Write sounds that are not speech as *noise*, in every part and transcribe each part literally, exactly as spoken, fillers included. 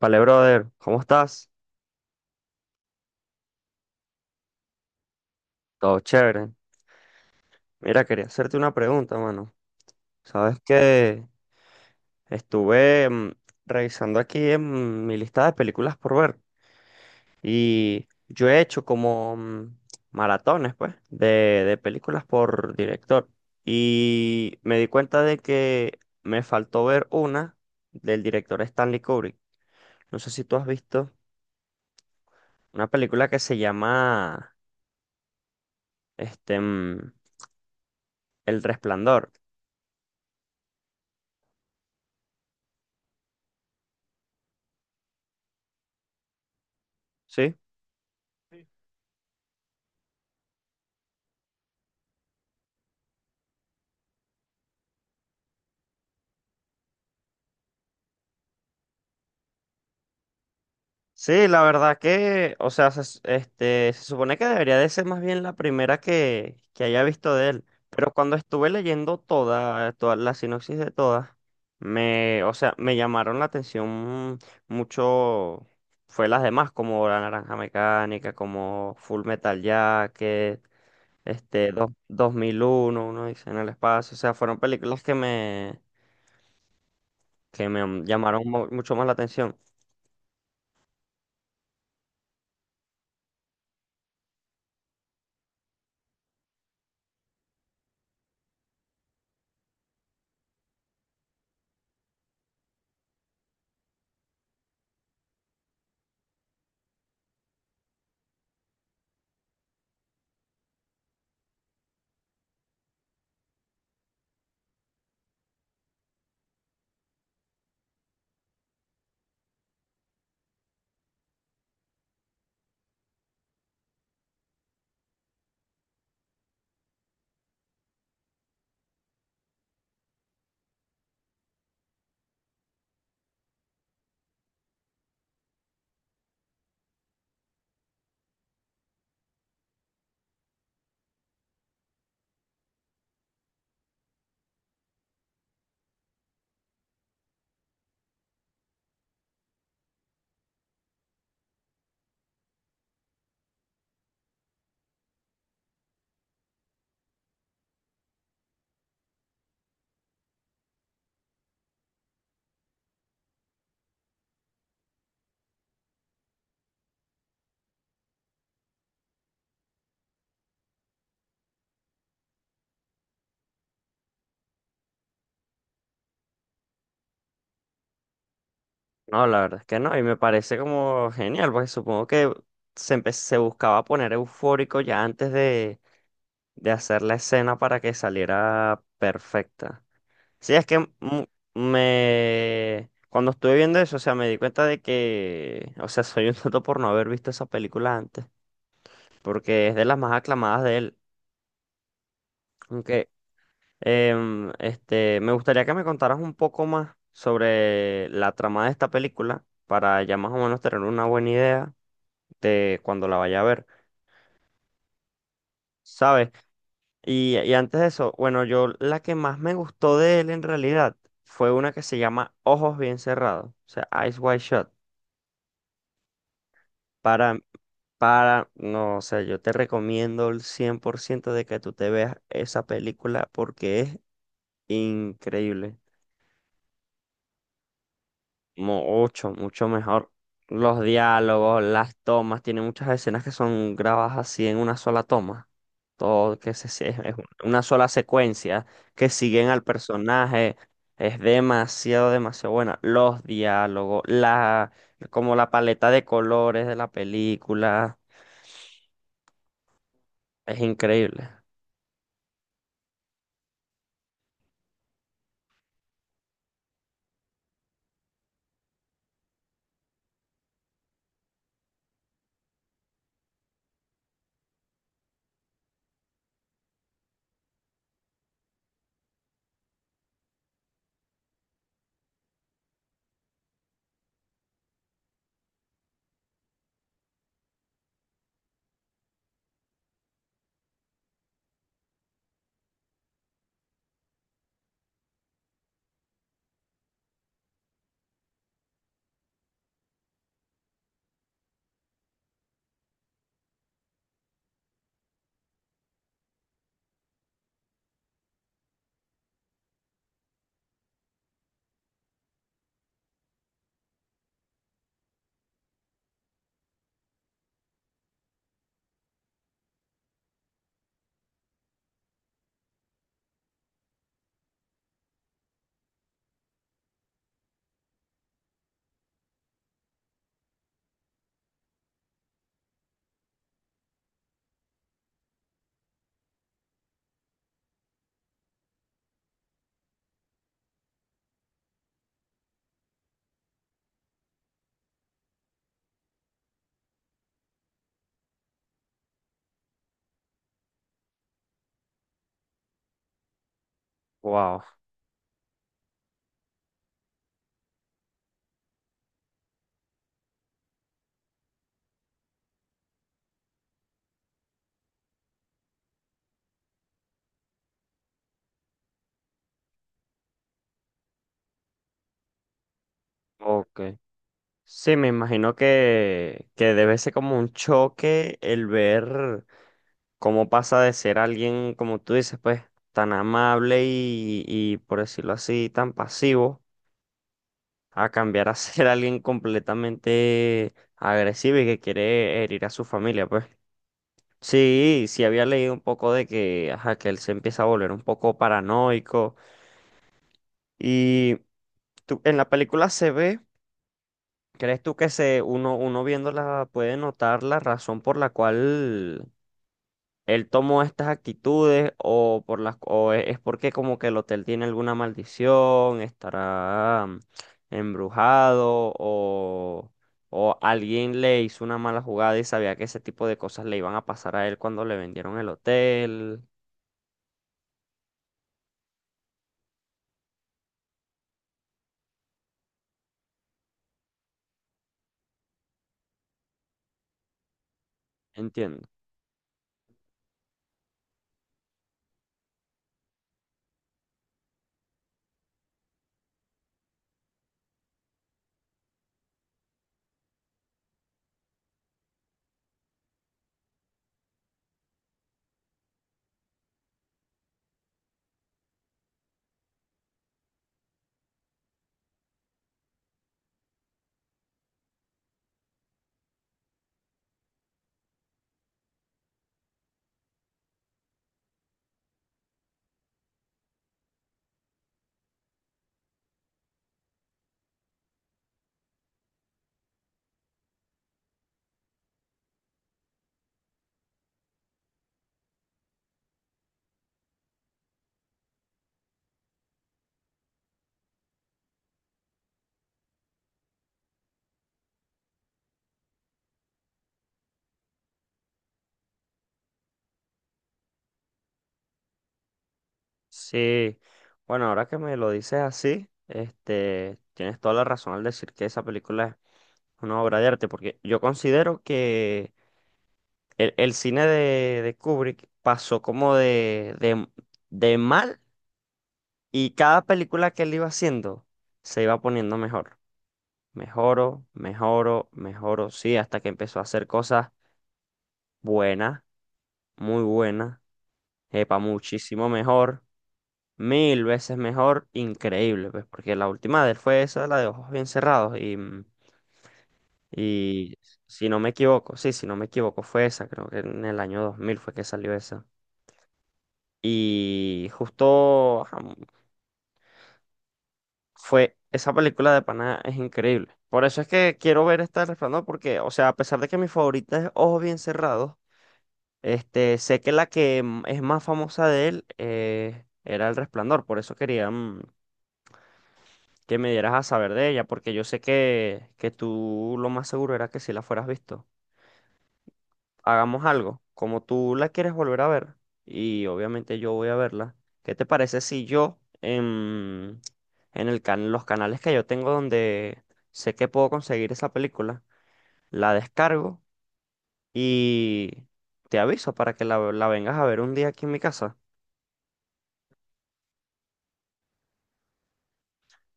Vale, brother, ¿cómo estás? Todo chévere. Mira, quería hacerte una pregunta, mano. Sabes que estuve mm, revisando aquí en mi lista de películas por ver y yo he hecho como mm, maratones, pues, de, de películas por director y me di cuenta de que me faltó ver una del director Stanley Kubrick. No sé si tú has visto una película que se llama este, mm, El Resplandor, ¿sí? Sí, la verdad que, o sea, se, este, se supone que debería de ser más bien la primera que, que haya visto de él, pero cuando estuve leyendo toda, toda la sinopsis de todas, me, o sea, me llamaron la atención mucho, fue las demás, como La Naranja Mecánica, como Full Metal Jacket, este, dos- 2001, uno dice en el espacio, o sea, fueron películas que me, que me llamaron mu- mucho más la atención. No, la verdad es que no, y me parece como genial, porque supongo que se, empe- se buscaba poner eufórico ya antes de, de hacer la escena para que saliera perfecta. Sí, es que mu- me... Cuando estuve viendo eso, o sea, me di cuenta de que, o sea, soy un tonto por no haber visto esa película antes, porque es de las más aclamadas de él. Aunque Em, este, me gustaría que me contaras un poco más sobre la trama de esta película para ya más o menos tener una buena idea de cuando la vaya a ver, ¿sabes? Y, y antes de eso, bueno, yo la que más me gustó de él en realidad fue una que se llama Ojos Bien Cerrados, o sea, Eyes Wide Shut. Para, para, no, o sea, yo te recomiendo el cien por ciento de que tú te veas esa película porque es increíble. Mucho, mucho mejor. Los diálogos, las tomas, tiene muchas escenas que son grabadas así en una sola toma. Todo que se, se- es una sola secuencia que siguen al personaje. Es demasiado, demasiado buena. Los diálogos, la, como la paleta de colores de la película. Es increíble. Wow. Ok. Sí, me imagino que, que debe ser como un choque el ver. Cómo pasa de ser alguien, como tú dices, pues tan amable y, y por decirlo así, tan pasivo, a cambiar a *laughs* ser alguien completamente agresivo y que quiere herir a su familia, pues. Sí, sí había leído un poco de que, ajá, que él se empieza a volver un poco paranoico y tú- en la película se ve, ¿crees tú que se uno uno viéndola puede notar la razón por la cual él tomó estas actitudes o por las o e- es porque como que el hotel tiene alguna maldición, estará mm, embrujado o o alguien le hizo una mala jugada y sabía que ese tipo de cosas le iban a pasar a él cuando le vendieron el hotel. Entiendo. Sí. Bueno, ahora que me lo dices así, este, tienes toda la razón al decir que esa película es una obra de arte, porque yo considero que El, el cine de, de Kubrick pasó como de, de, de mal y cada película que él iba haciendo se iba poniendo mejor. Mejoro, mejoro, mejoro, sí, hasta que empezó a hacer cosas buenas, muy buenas, epa, muchísimo mejor, mil veces mejor, increíble, pues, porque la última de él fue esa, la de Ojos Bien Cerrados, y, mm, y si no me equivoco, sí, si no me equivoco, fue esa, creo que en el año dos mil fue que salió esa. Y justo ajá, fue, esa película de Pana es increíble. Por eso es que quiero ver esta del Resplandor, porque, o sea, a pesar de que mi favorita es Ojos Bien Cerrados, este, sé que la que m- es más famosa de él eh, era El Resplandor. Por eso quería mm, que me dieras a saber de ella, porque yo sé que, que tú lo más seguro era que si la fueras visto. Hagamos algo, como tú la quieres volver a ver, y obviamente yo voy a verla, ¿qué te parece si yo en, en el can- los canales que yo tengo donde sé que puedo conseguir esa película, la descargo y te aviso para que la, la vengas a ver un día aquí en mi casa?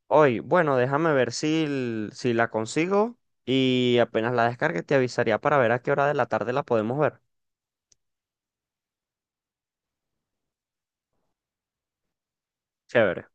Hoy, bueno, déjame ver si, l- si la consigo y apenas la descargue te avisaría para ver a qué hora de la tarde la podemos ver. Chévere.